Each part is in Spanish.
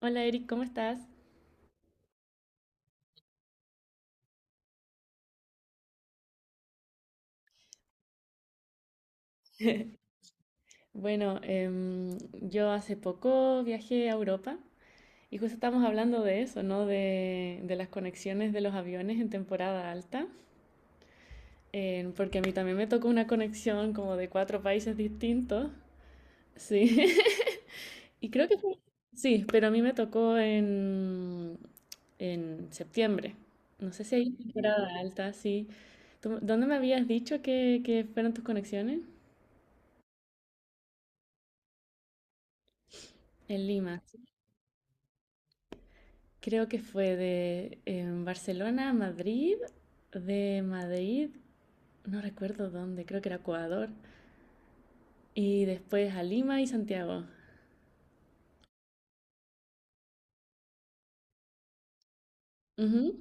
Hola Eric, ¿cómo estás? Bueno, yo hace poco viajé a Europa y justo estamos hablando de eso, ¿no? De las conexiones de los aviones en temporada alta, porque a mí también me tocó una conexión como de cuatro países distintos, sí. Y creo que sí, pero a mí me tocó en septiembre. No sé si hay temporada alta, sí. ¿Dónde me habías dicho que fueron tus conexiones? En Lima, sí. Creo que fue de Barcelona a Madrid, de Madrid, no recuerdo dónde, creo que era Ecuador, y después a Lima y Santiago. Ujú.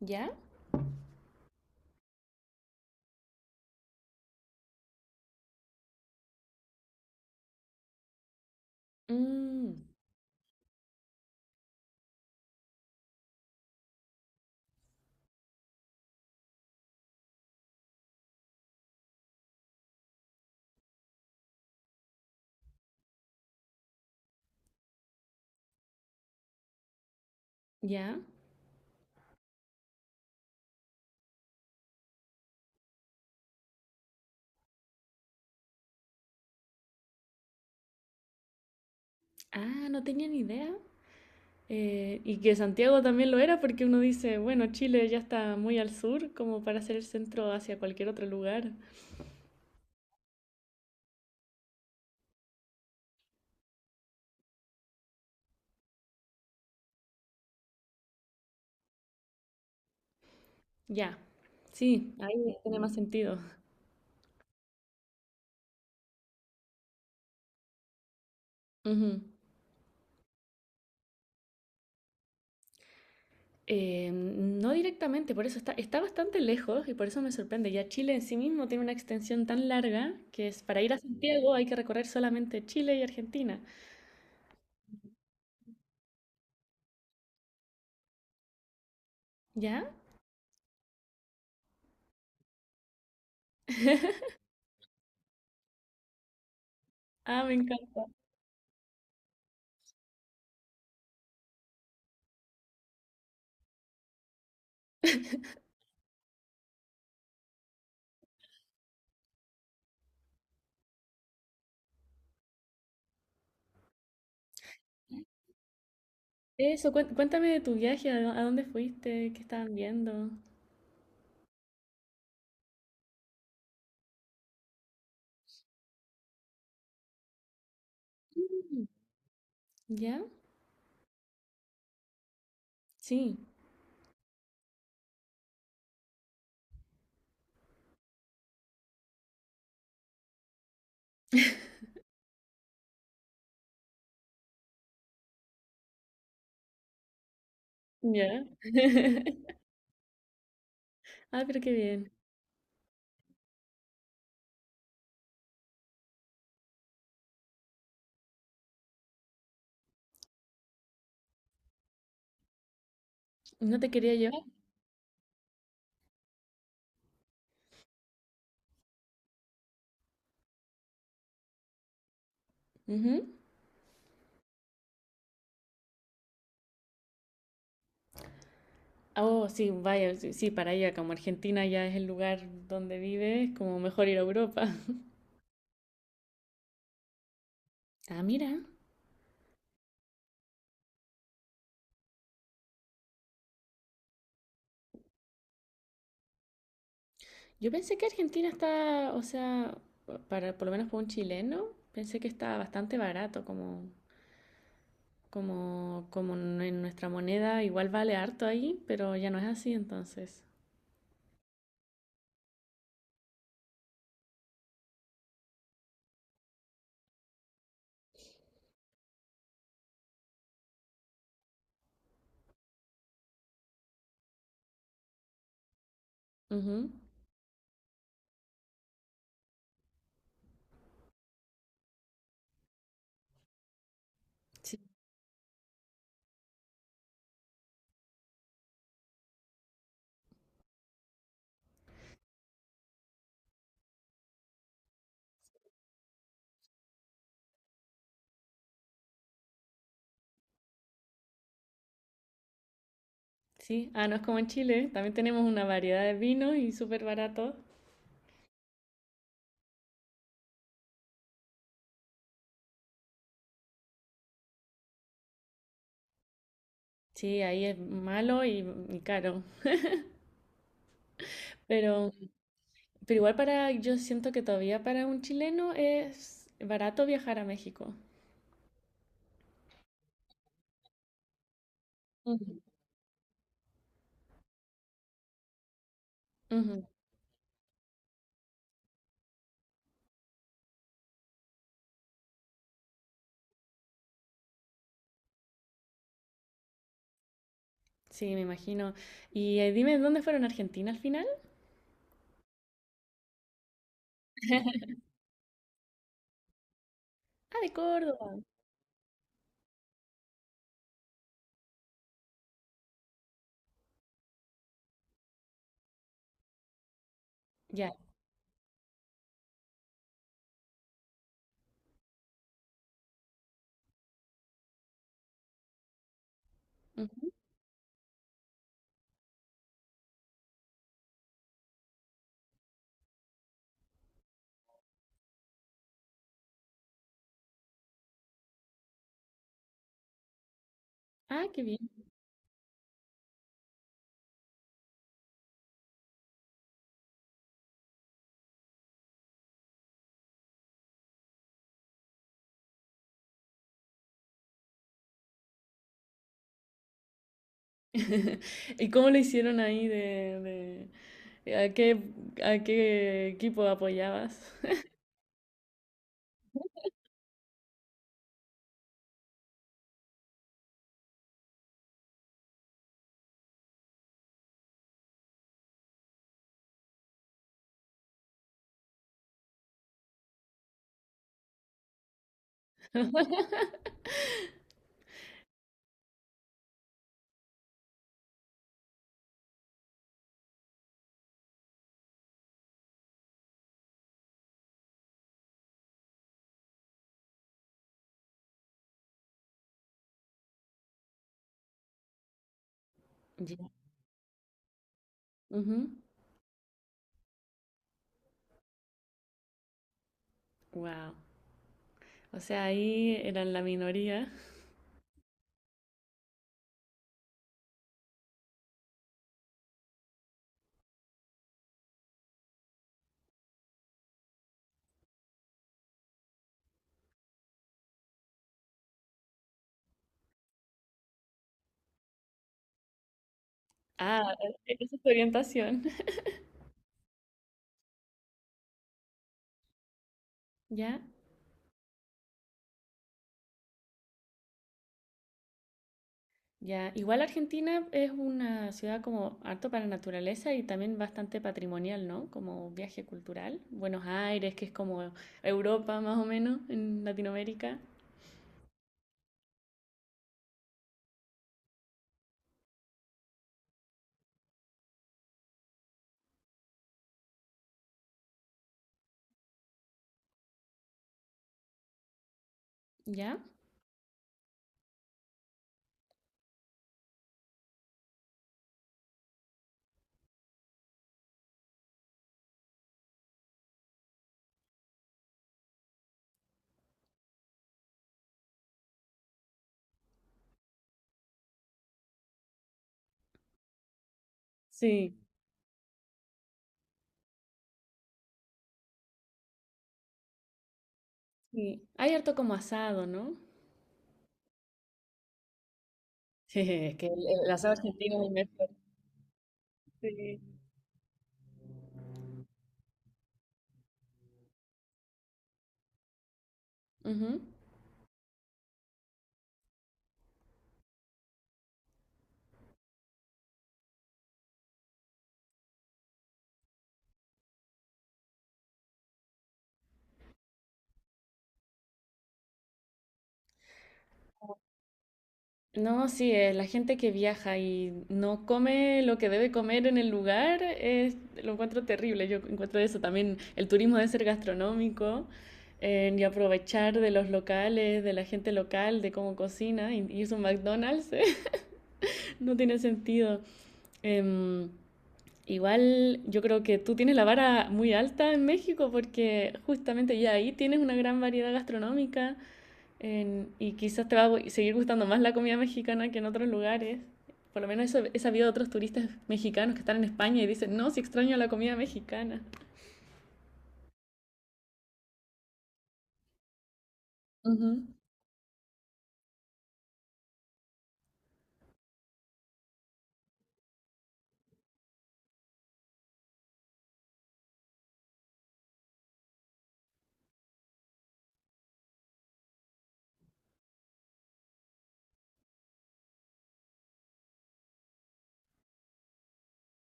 ¿Ya? Mm. ¿Ya? Ah, no tenía ni idea. Y que Santiago también lo era porque uno dice, bueno, Chile ya está muy al sur como para hacer el centro hacia cualquier otro lugar. Ya, sí, ahí tiene más sentido. Ujú. No directamente, por eso está bastante lejos y por eso me sorprende. Ya Chile en sí mismo tiene una extensión tan larga que es para ir a Santiago hay que recorrer solamente Chile y Argentina. ¿Ya? Ah, me encanta. Eso, cuéntame de tu viaje, a, a dónde fuiste, qué estaban viendo. Mm. ¿Ya? Sí. ¿Ya? Ah, pero qué bien. ¿No te quería llevar? Ujú. Oh, sí, vaya, sí, sí, para allá, como Argentina ya es el lugar donde vives, como mejor ir a Europa. Ah, mira. Yo pensé que Argentina está, o sea, para, por lo menos para un chileno, pensé que estaba bastante barato, como, como en nuestra moneda igual vale harto ahí, pero ya no es así entonces. Ujú. Sí, sí. Ah, no es como en Chile, también tenemos una variedad de vinos y súper barato. Sí, ahí es malo y caro. Pero, pero igual para, yo siento que todavía para un chileno es barato viajar a México. Ujú. Ujú. Sí, me imagino. Y dime, ¿dónde fueron a Argentina al final? Ah, de Córdoba. Ya. Ujú. Ah, qué bien. ¿Y cómo lo hicieron ahí de, a qué a qué equipo apoyabas? Ya. Wow. O sea, ahí eran la minoría. Ah, esa es tu orientación. ¿Ya? Ya, igual Argentina es una ciudad como harto para naturaleza y también bastante patrimonial, ¿no? Como viaje cultural. Buenos Aires, que es como Europa más o menos, en Latinoamérica. ¿Ya? Sí, sí. Hay harto como asado, ¿no? Es que el asado argentino es el mejor. Sí. Ujú. No, sí, la gente que viaja y no come lo que debe comer en el lugar, lo encuentro terrible. Yo encuentro eso también. El turismo debe ser gastronómico y aprovechar de los locales, de la gente local, de cómo cocina. Y es un McDonald's, no tiene sentido. Em, igual yo creo que tú tienes la vara muy alta en México porque justamente ya ahí tienes una gran variedad gastronómica. Y quizás te va a seguir gustando más la comida mexicana que en otros lugares. Por lo menos eso he sabido de otros turistas mexicanos que están en España y dicen, no, si extraño la comida mexicana. Ujú,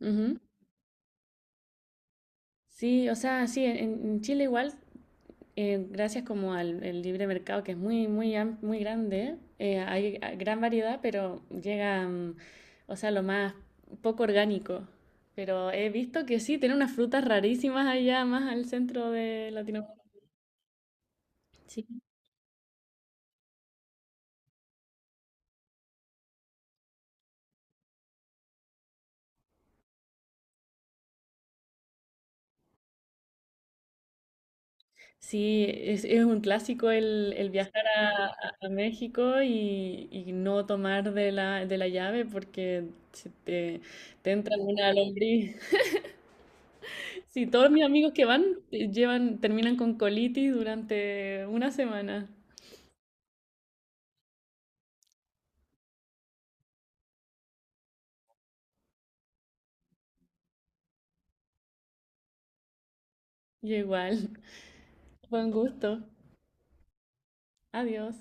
ujú. Sí, o sea, sí, en Chile igual, gracias como al el libre mercado, que es muy, muy grande, hay ah, gran variedad, pero llega, mm, o sea, lo más poco orgánico. Pero he visto que sí, tienen unas frutas rarísimas allá, más al centro de Latinoamérica. Sí. Sí, es un clásico el viajar a, a México y no tomar de la llave porque se te, te entra una lombriz. Sí, todos mis amigos que van llevan, terminan con colitis durante una semana. Y igual, buen gusto. Adiós.